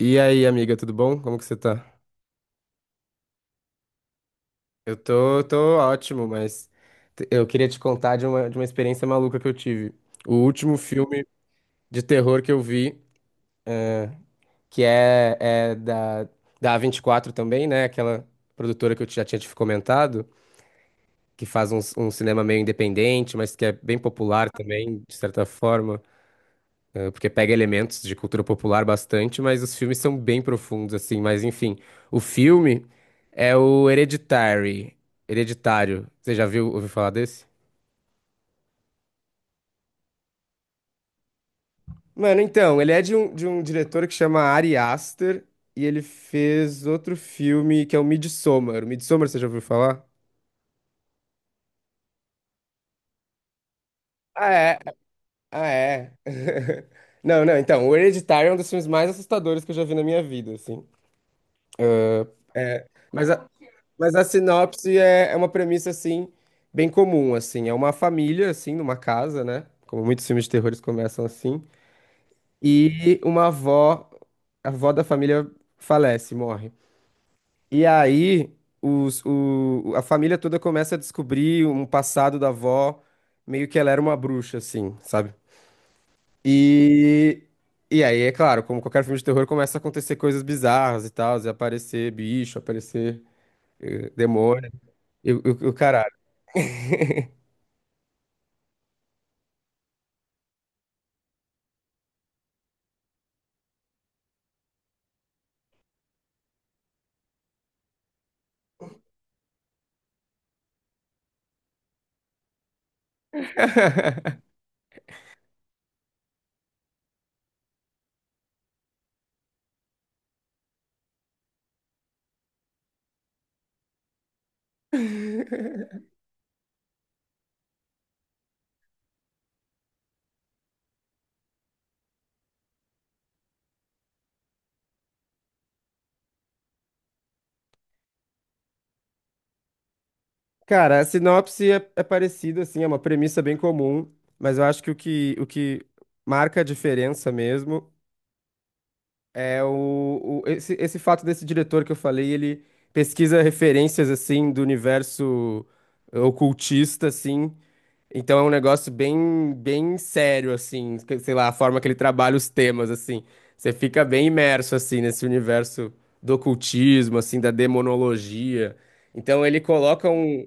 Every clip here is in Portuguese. E aí, amiga, tudo bom? Como que você tá? Eu tô ótimo, mas eu queria te contar de uma experiência maluca que eu tive. O último filme de terror que eu vi, eh, que é da, da A24 também, né? Aquela produtora que eu já tinha te comentado, que faz cinema meio independente, mas que é bem popular também, de certa forma. Porque pega elementos de cultura popular bastante, mas os filmes são bem profundos, assim. Mas enfim, o filme é o Hereditary. Hereditário. Você já viu, ouviu falar desse? Mano, então, ele é de um diretor que chama Ari Aster e ele fez outro filme que é o Midsommar. O Midsommar, você já ouviu falar? Ah, é. Ah, é. Não, não, então, o Hereditário é um dos filmes mais assustadores que eu já vi na minha vida, assim. É, mas, a- mas a sinopse é uma premissa, assim, bem comum, assim. É uma família, assim, numa casa, né? Como muitos filmes de terror eles começam assim. E uma avó, a avó da família falece, morre. E aí, a família toda começa a descobrir um passado da avó, meio que ela era uma bruxa, assim, sabe? E, e aí, é claro, como qualquer filme de terror, começa a acontecer coisas bizarras e tal, e aparecer bicho, aparecer demônio. O caralho. Cara, a sinopse é parecida, assim, é uma premissa bem comum, mas eu acho que o que marca a diferença mesmo é esse fato desse diretor que eu falei, ele pesquisa referências, assim, do universo ocultista, assim. Então é um negócio bem sério, assim, que sei lá, a forma que ele trabalha os temas, assim. Você fica bem imerso, assim, nesse universo do ocultismo, assim, da demonologia. Então ele coloca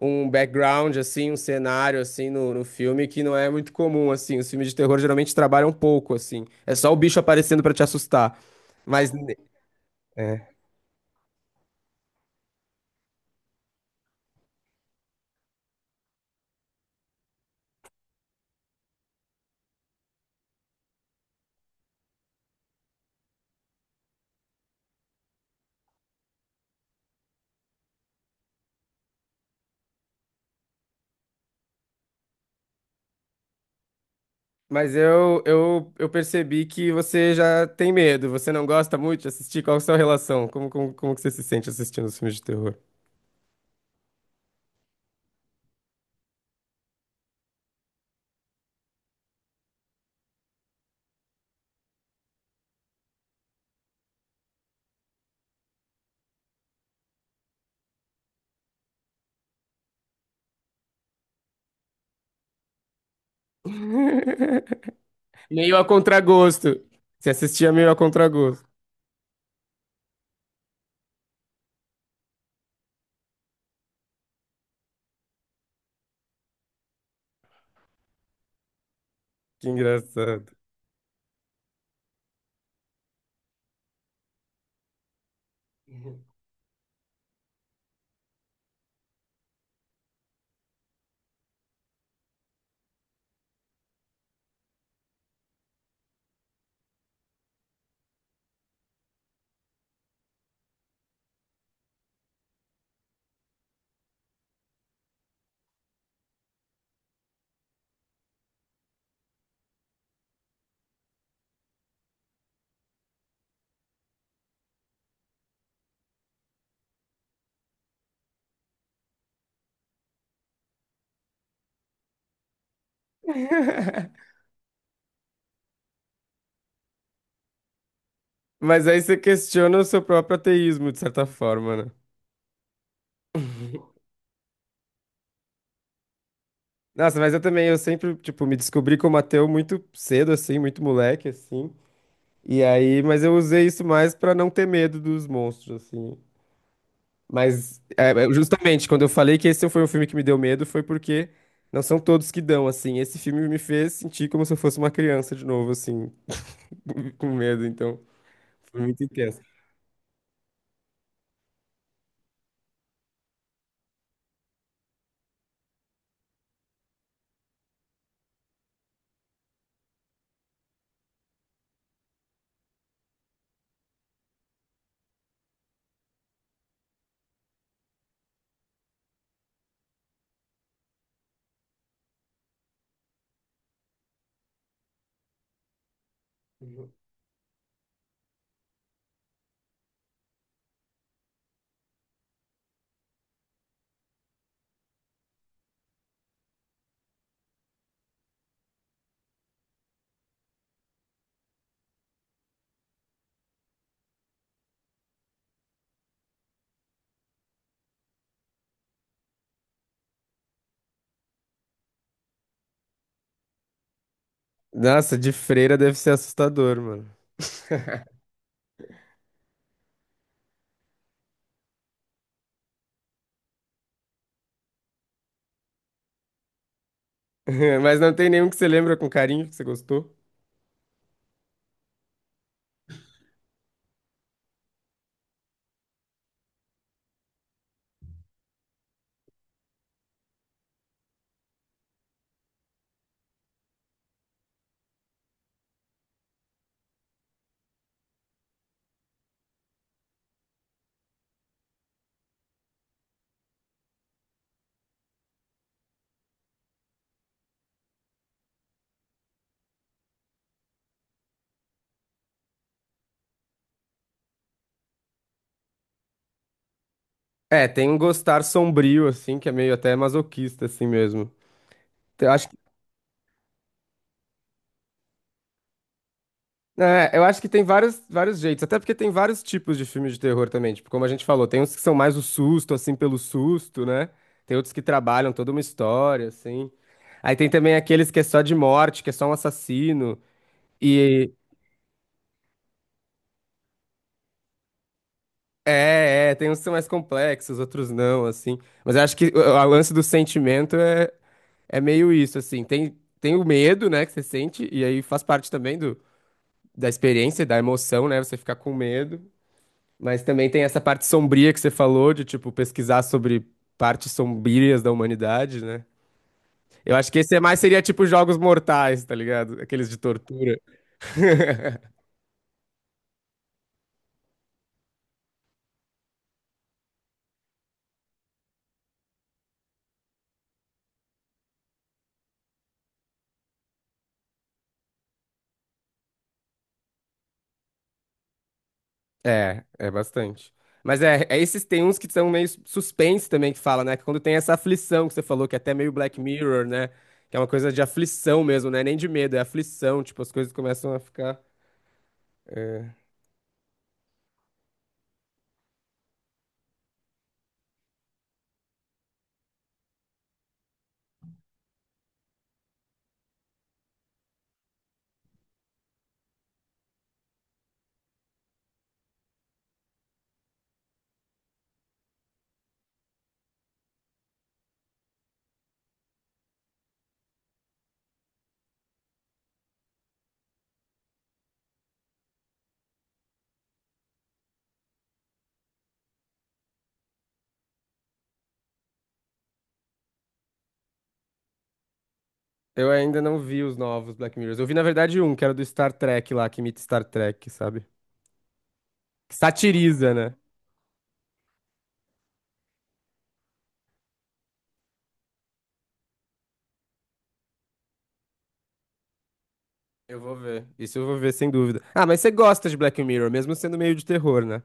um background, assim, um cenário, assim, no filme que não é muito comum, assim. Os filmes de terror geralmente trabalham pouco, assim. É só o bicho aparecendo pra te assustar. Mas Mas eu percebi que você já tem medo, você não gosta muito de assistir. Qual a sua relação? Como que você se sente assistindo os filmes de terror? Meio a contragosto. Você assistia meio a contragosto. Que engraçado. Mas aí você questiona o seu próprio ateísmo, de certa forma, né? Nossa, mas eu também, eu sempre, tipo, me descobri como ateu muito cedo, assim, muito moleque, assim. E aí, mas eu usei isso mais pra não ter medo dos monstros, assim. Mas justamente quando eu falei que esse foi um filme que me deu medo, foi porque não são todos que dão, assim. Esse filme me fez sentir como se eu fosse uma criança de novo, assim, com medo, então foi muito intenso. Nossa, de freira deve ser assustador, mano. Mas não tem nenhum que você lembra com carinho, que você gostou? É, tem um gostar sombrio, assim, que é meio até masoquista, assim mesmo. Eu acho. É, eu acho que tem vários jeitos, até porque tem vários tipos de filmes de terror também. Tipo, como a gente falou, tem uns que são mais o susto, assim, pelo susto, né? Tem outros que trabalham toda uma história, assim. Aí tem também aqueles que é só de morte, que é só um assassino. E tem uns que são mais complexos, outros não, assim. Mas eu acho que o lance do sentimento é meio isso, assim. Tem o medo, né, que você sente, e aí faz parte também da experiência, da emoção, né? Você ficar com medo. Mas também tem essa parte sombria que você falou, de tipo pesquisar sobre partes sombrias da humanidade, né? Eu acho que esse é mais seria tipo Jogos Mortais, tá ligado? Aqueles de tortura. É, é bastante. Mas esses tem uns que são meio suspense também que fala, né? Que quando tem essa aflição que você falou, que é até meio Black Mirror, né? Que é uma coisa de aflição mesmo, né? Nem de medo, é aflição, tipo, as coisas começam a ficar. Eu ainda não vi os novos Black Mirrors. Eu vi, na verdade, um, que era do Star Trek lá, que imita Star Trek, sabe? Que satiriza, né? Eu vou ver. Isso eu vou ver, sem dúvida. Ah, mas você gosta de Black Mirror, mesmo sendo meio de terror, né?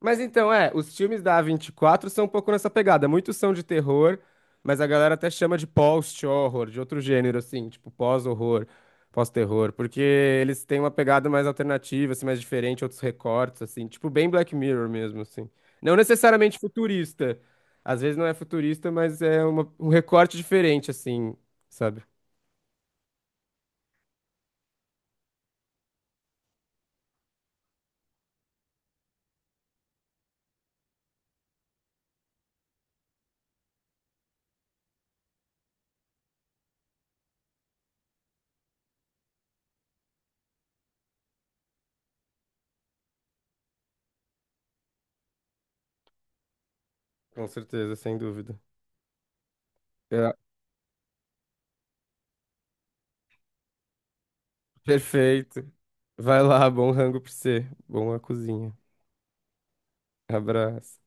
Mas então, é, os filmes da A24 são um pouco nessa pegada. Muitos são de terror, mas a galera até chama de post-horror, de outro gênero, assim, tipo pós-horror, pós-terror, porque eles têm uma pegada mais alternativa, assim, mais diferente, outros recortes, assim, tipo bem Black Mirror mesmo, assim. Não necessariamente futurista. Às vezes não é futurista, mas é um recorte diferente, assim, sabe? Com certeza, sem dúvida. Perfeito. Vai lá, bom rango pra você. Boa cozinha. Abraço.